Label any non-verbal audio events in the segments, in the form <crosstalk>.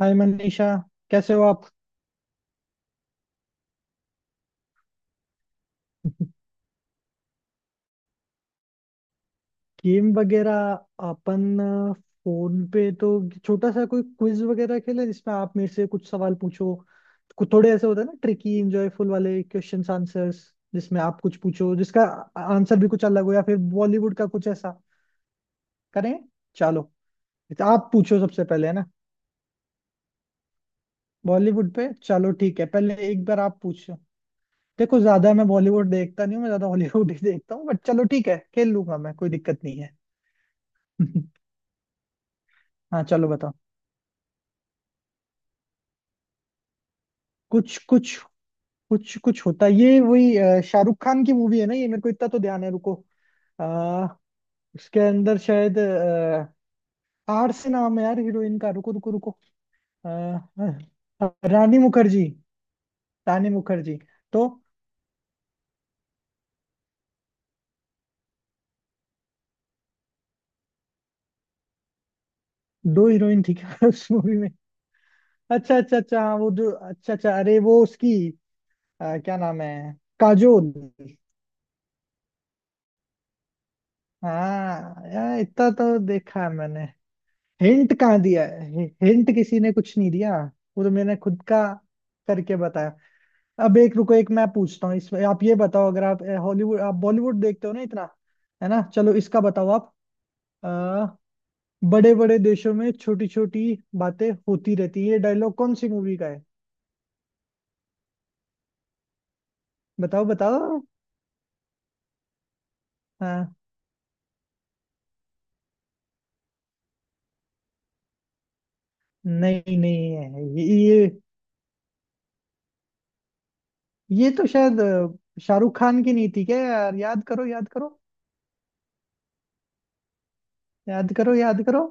हाय मनीषा। कैसे हो आप? गेम वगैरह? अपन फोन पे तो छोटा सा कोई क्विज वगैरह खेले, जिसमें आप मेरे से कुछ सवाल पूछो। कुछ थोड़े ऐसे होते हैं ना, ट्रिकी इंजॉयफुल वाले क्वेश्चंस आंसर्स। जिसमें आप कुछ पूछो जिसका आंसर भी कुछ अलग हो, या फिर बॉलीवुड का कुछ ऐसा करें। चलो, तो आप पूछो सबसे पहले, है ना? बॉलीवुड पे चलो, ठीक है, पहले एक बार आप पूछो। देखो, ज्यादा मैं बॉलीवुड देखता नहीं हूँ, मैं ज्यादा हॉलीवुड ही देखता हूँ, बट चलो ठीक है, खेल लूंगा मैं, कोई दिक्कत नहीं है। <laughs> हाँ चलो बताओ। कुछ कुछ कुछ कुछ होता है। ये वही शाहरुख खान की मूवी है ना ये, मेरे को इतना तो ध्यान है, रुको। आ, उसके अंदर शायद आर से नाम है यार हीरोइन का। रुको रुको रुको। अ, रानी मुखर्जी। रानी मुखर्जी तो। दो हीरोइन थी क्या <laughs> उस मूवी में? अच्छा अच्छा अच्छा, हाँ वो जो, अच्छा अच्छा, अरे वो उसकी क्या नाम है, काजोल। हाँ यार इतना तो देखा है मैंने। हिंट कहाँ दिया है? हिंट किसी ने कुछ नहीं दिया, वो तो मैंने खुद का करके बताया। अब एक रुको, एक मैं पूछता हूँ इसमें, आप ये बताओ, अगर आप हॉलीवुड, आप बॉलीवुड देखते हो ना इतना, है ना? चलो इसका बताओ आप। आ, बड़े बड़े देशों में छोटी छोटी बातें होती रहती है, ये डायलॉग कौन सी मूवी का है? बताओ बताओ। हाँ। नहीं नहीं है ये, ये तो शायद शाहरुख खान की नहीं थी क्या यार? याद करो याद करो। याद करो याद करो।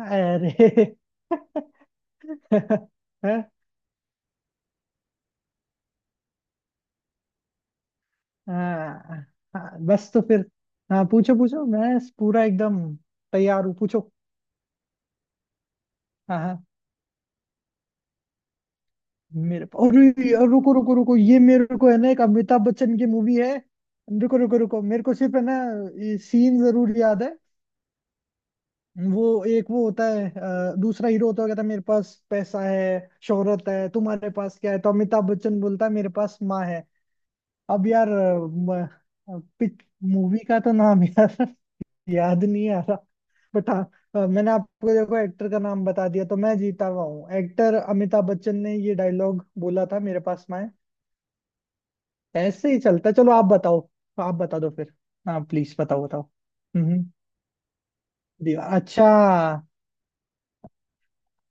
अरे <laughs> <laughs> है? हाँ। हाँ, बस तो फिर। हाँ पूछो पूछो, मैं पूरा एकदम तैयार हूँ, पूछो। हाँ हाँ। मेरे, अरे यार, रुको रुको रुको, ये मेरे को है ना, एक अमिताभ बच्चन की मूवी है। रुको रुको रुको, मेरे को सिर्फ है ना ये सीन जरूर याद है। वो एक वो होता है दूसरा हीरो होता है, कहता है मेरे पास पैसा है, शोहरत है, तुम्हारे पास क्या है? तो अमिताभ बच्चन बोलता है, मेरे पास माँ है। अब यार मूवी का तो नाम यार <laughs> याद नहीं आ। बट हाँ, मैंने आपको देखो एक्टर का नाम बता दिया, तो मैं जीता हुआ हूँ। एक्टर अमिताभ बच्चन ने ये डायलॉग बोला था, मेरे पास में। ऐसे ही चलता है। चलो आप बताओ, आप बता दो फिर। हाँ प्लीज बताओ बताओ। हम्म, दीवार, अच्छा।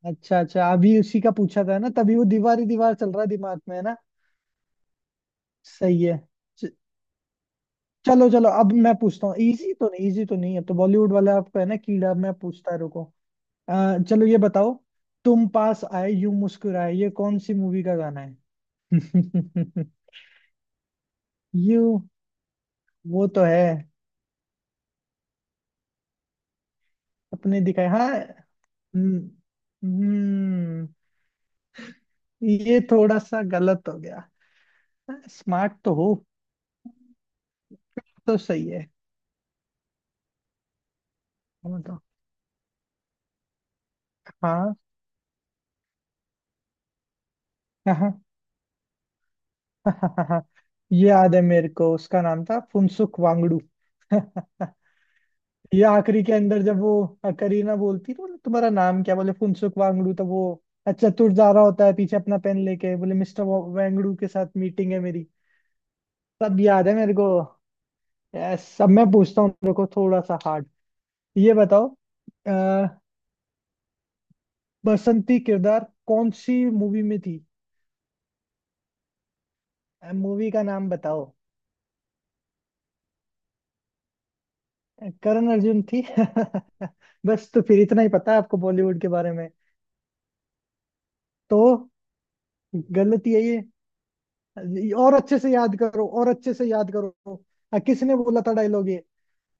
अच्छा अच्छा, अभी उसी का पूछा था ना, तभी वो दीवार ही दीवार चल रहा है दिमाग में, है ना। सही है। च- चलो चलो, अब मैं पूछता हूँ। इजी तो नहीं, इजी तो नहीं है, तो बॉलीवुड वाला आपको है ना कीड़ा, मैं पूछता, रुको। चलो ये बताओ, तुम पास आए यूं मुस्कुराए, ये कौन सी मूवी का गाना है? <laughs> यू, वो तो है। अपने दिखाए हाँ। हम्म। हम्म, ये थोड़ा सा गलत हो गया। स्मार्ट तो हो, तो सही है। मतलब, हाँ हाँ। <laughs> ये याद है मेरे को, उसका नाम था फुनसुक वांगडू। <laughs> ये आखिरी के अंदर जब वो करीना बोलती, तो बोले तुम्हारा नाम क्या, बोले फुनसुक वांगडू, तो वो अच्छा तुर जा रहा होता है पीछे, अपना पेन लेके बोले, मिस्टर वांगडू के साथ मीटिंग है मेरी। सब याद है मेरे को। यस, अब मैं पूछता हूँ, देखो थोड़ा सा हार्ड। ये बताओ, अ, बसंती किरदार कौन सी मूवी में थी? मूवी का नाम बताओ। करण अर्जुन थी? <laughs> बस तो फिर इतना ही पता है आपको बॉलीवुड के बारे में। तो गलत, यही है ये। और अच्छे से याद करो, और अच्छे से याद करो। किसने बोला था डायलॉग ये?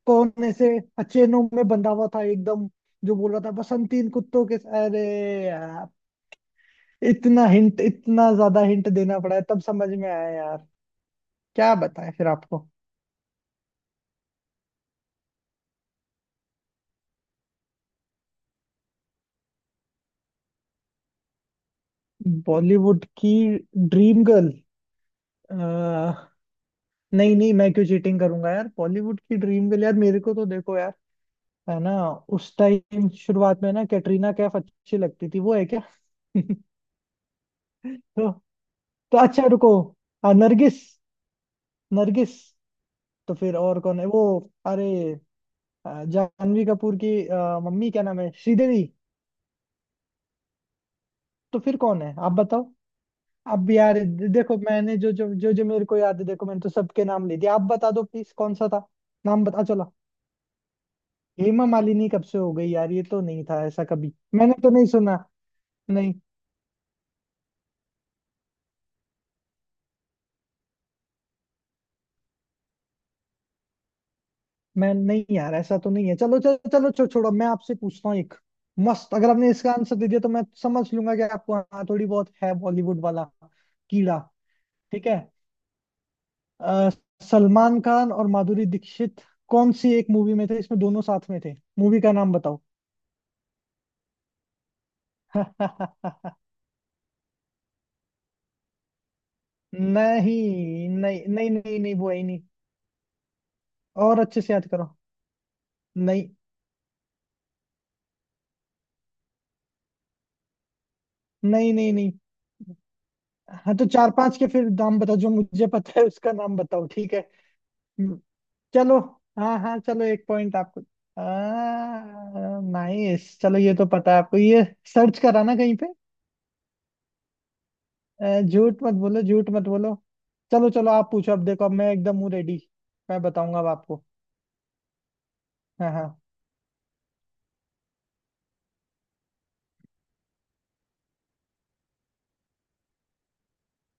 कौन ऐसे अचेनों में बंधा हुआ था एकदम, जो बोल रहा था बसंती इन कुत्तों के? अरे यार, इतना हिंट, इतना ज्यादा हिंट देना पड़ा है तब समझ में आया यार। क्या बताएं फिर आपको। बॉलीवुड की ड्रीम गर्ल। नहीं नहीं, मैं क्यों चीटिंग करूंगा यार। बॉलीवुड की ड्रीम गर्ल, यार मेरे को तो देखो यार, है ना, उस टाइम शुरुआत में ना कैटरीना कैफ अच्छी लगती थी, वो है क्या? <laughs> तो, तो अच्छा रुको। हाँ, नरगिस। नरगिस। तो फिर और कौन है वो? अरे जानवी कपूर की मम्मी क्या नाम है, श्रीदेवी। तो फिर कौन है, आप बताओ। अब यार देखो, मैंने जो जो जो जो मेरे को याद है, देखो मैंने तो सबके नाम ले दिए, आप बता दो प्लीज, कौन सा था नाम, बता चलो। हेमा मालिनी कब से हो गई यार? ये तो नहीं था ऐसा कभी, मैंने तो नहीं सुना। नहीं। मैं नहीं यार, ऐसा तो नहीं है। चलो चलो चलो, छोड़ो, मैं आपसे पूछता हूँ एक मस्त। अगर आपने इसका आंसर दे दिया, तो मैं समझ लूंगा कि आपको हाँ थोड़ी बहुत है बॉलीवुड वाला कीड़ा। ठीक है, अ, सलमान खान और माधुरी दीक्षित कौन सी एक मूवी में थे, इसमें दोनों साथ में थे? मूवी का नाम बताओ। <laughs> नहीं नहीं नहीं नहीं नहीं, वो है ही नहीं। और अच्छे से याद करो। नहीं। नहीं नहीं नहीं। हाँ तो चार पांच के फिर नाम बताओ, जो मुझे पता है उसका नाम बताओ, ठीक है? हम्म, चलो। हाँ हाँ चलो, एक पॉइंट आपको। नाइस, चलो ये तो पता है आपको ये, सर्च करा ना कहीं पे? झूठ मत बोलो, झूठ मत बोलो। चलो चलो, आप पूछो अब, देखो अब मैं एकदम हूँ रेडी। मैं बताऊंगा अब आपको। हाँ हाँ।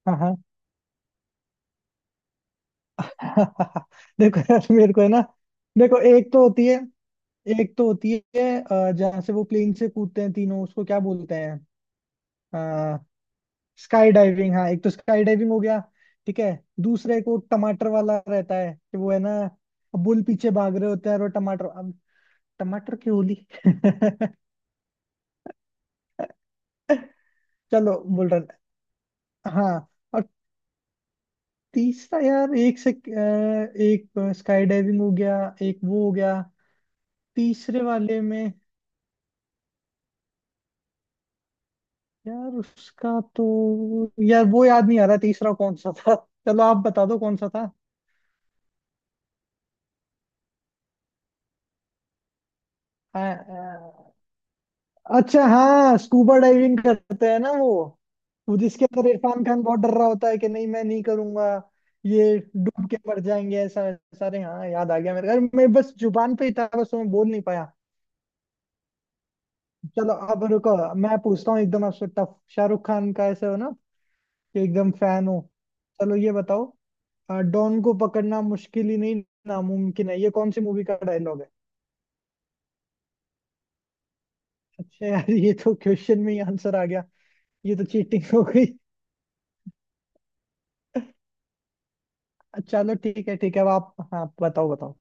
हाँ हाँ। <laughs> देखो यार मेरे को है ना, देखो एक तो होती है, एक तो होती है जहाँ से वो प्लेन से कूदते हैं तीनों, उसको क्या बोलते हैं? स्काई डाइविंग, हाँ। एक तो स्काई डाइविंग हो गया, ठीक है। दूसरा एक वो टमाटर वाला रहता है, कि वो है ना, बुल पीछे भाग रहे होते हैं, और वो टमाटर, अब, टमाटर की होली। <laughs> चलो, बोल रहा। हाँ और, तीसरा यार एक से एक, स्काई डाइविंग हो गया, एक वो हो गया। तीसरे वाले में, यार उसका तो, यार वो याद नहीं आ रहा, तीसरा कौन सा था? <laughs> चलो आप बता दो कौन सा था। अ- अच्छा हाँ, स्कूबा डाइविंग करते हैं ना वो जिसके अंदर इरफान खान बहुत डर रहा होता है कि नहीं मैं नहीं करूंगा, ये डूब के मर जाएंगे ऐसा सारे। हाँ याद आ गया मेरे को। मैं बस जुबान पे ही था, बस मैं बोल नहीं पाया। चलो, अब रुको, मैं पूछता हूँ एकदम आपसे टफ। शाहरुख खान का ऐसे हो ना, कि एकदम फैन हो। चलो ये बताओ, डॉन को पकड़ना मुश्किल ही नहीं, नामुमकिन है, ये कौन सी मूवी का डायलॉग है? अच्छा यार, ये तो क्वेश्चन में ही आंसर आ गया। ये तो चीटिंग हो गई। चलो ठीक है ठीक है, अब आप हाँ बताओ बताओ।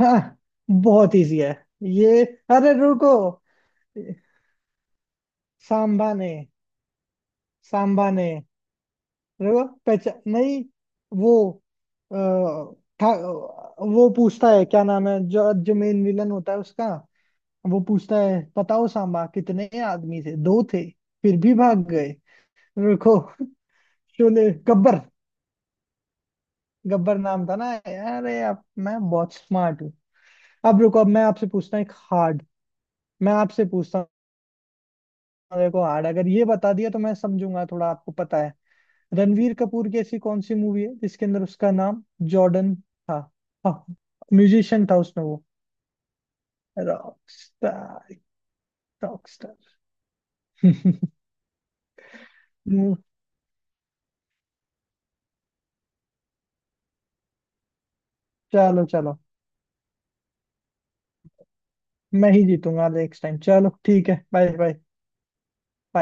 हाँ, बहुत इजी है ये, अरे रुको, सांबा ने, सांबा ने, रुको, पहचान नहीं, वो, अ, था, वो पूछता है क्या नाम है, जो जो मेन विलन होता है उसका, वो पूछता है बताओ सांबा कितने आदमी थे, दो थे, फिर भी भाग गए, रुको, शोले, गब्बर। गब्बर नाम था ना? अरे अब मैं बहुत स्मार्ट हूँ। अब रुको, अब मैं आपसे पूछता हूँ एक hard, मैं आपसे पूछता हूँ, देखो हार्ड, अगर ये बता दिया तो मैं समझूंगा थोड़ा आपको पता है। रणवीर कपूर की ऐसी कौन सी मूवी है जिसके अंदर उसका नाम जॉर्डन था? हाँ, म्यूजिशियन था उसमें वो। Rockstar, Rockstar. <laughs> चलो चलो, मैं ही जीतूंगा नेक्स्ट टाइम, चलो ठीक है, बाय। बाय।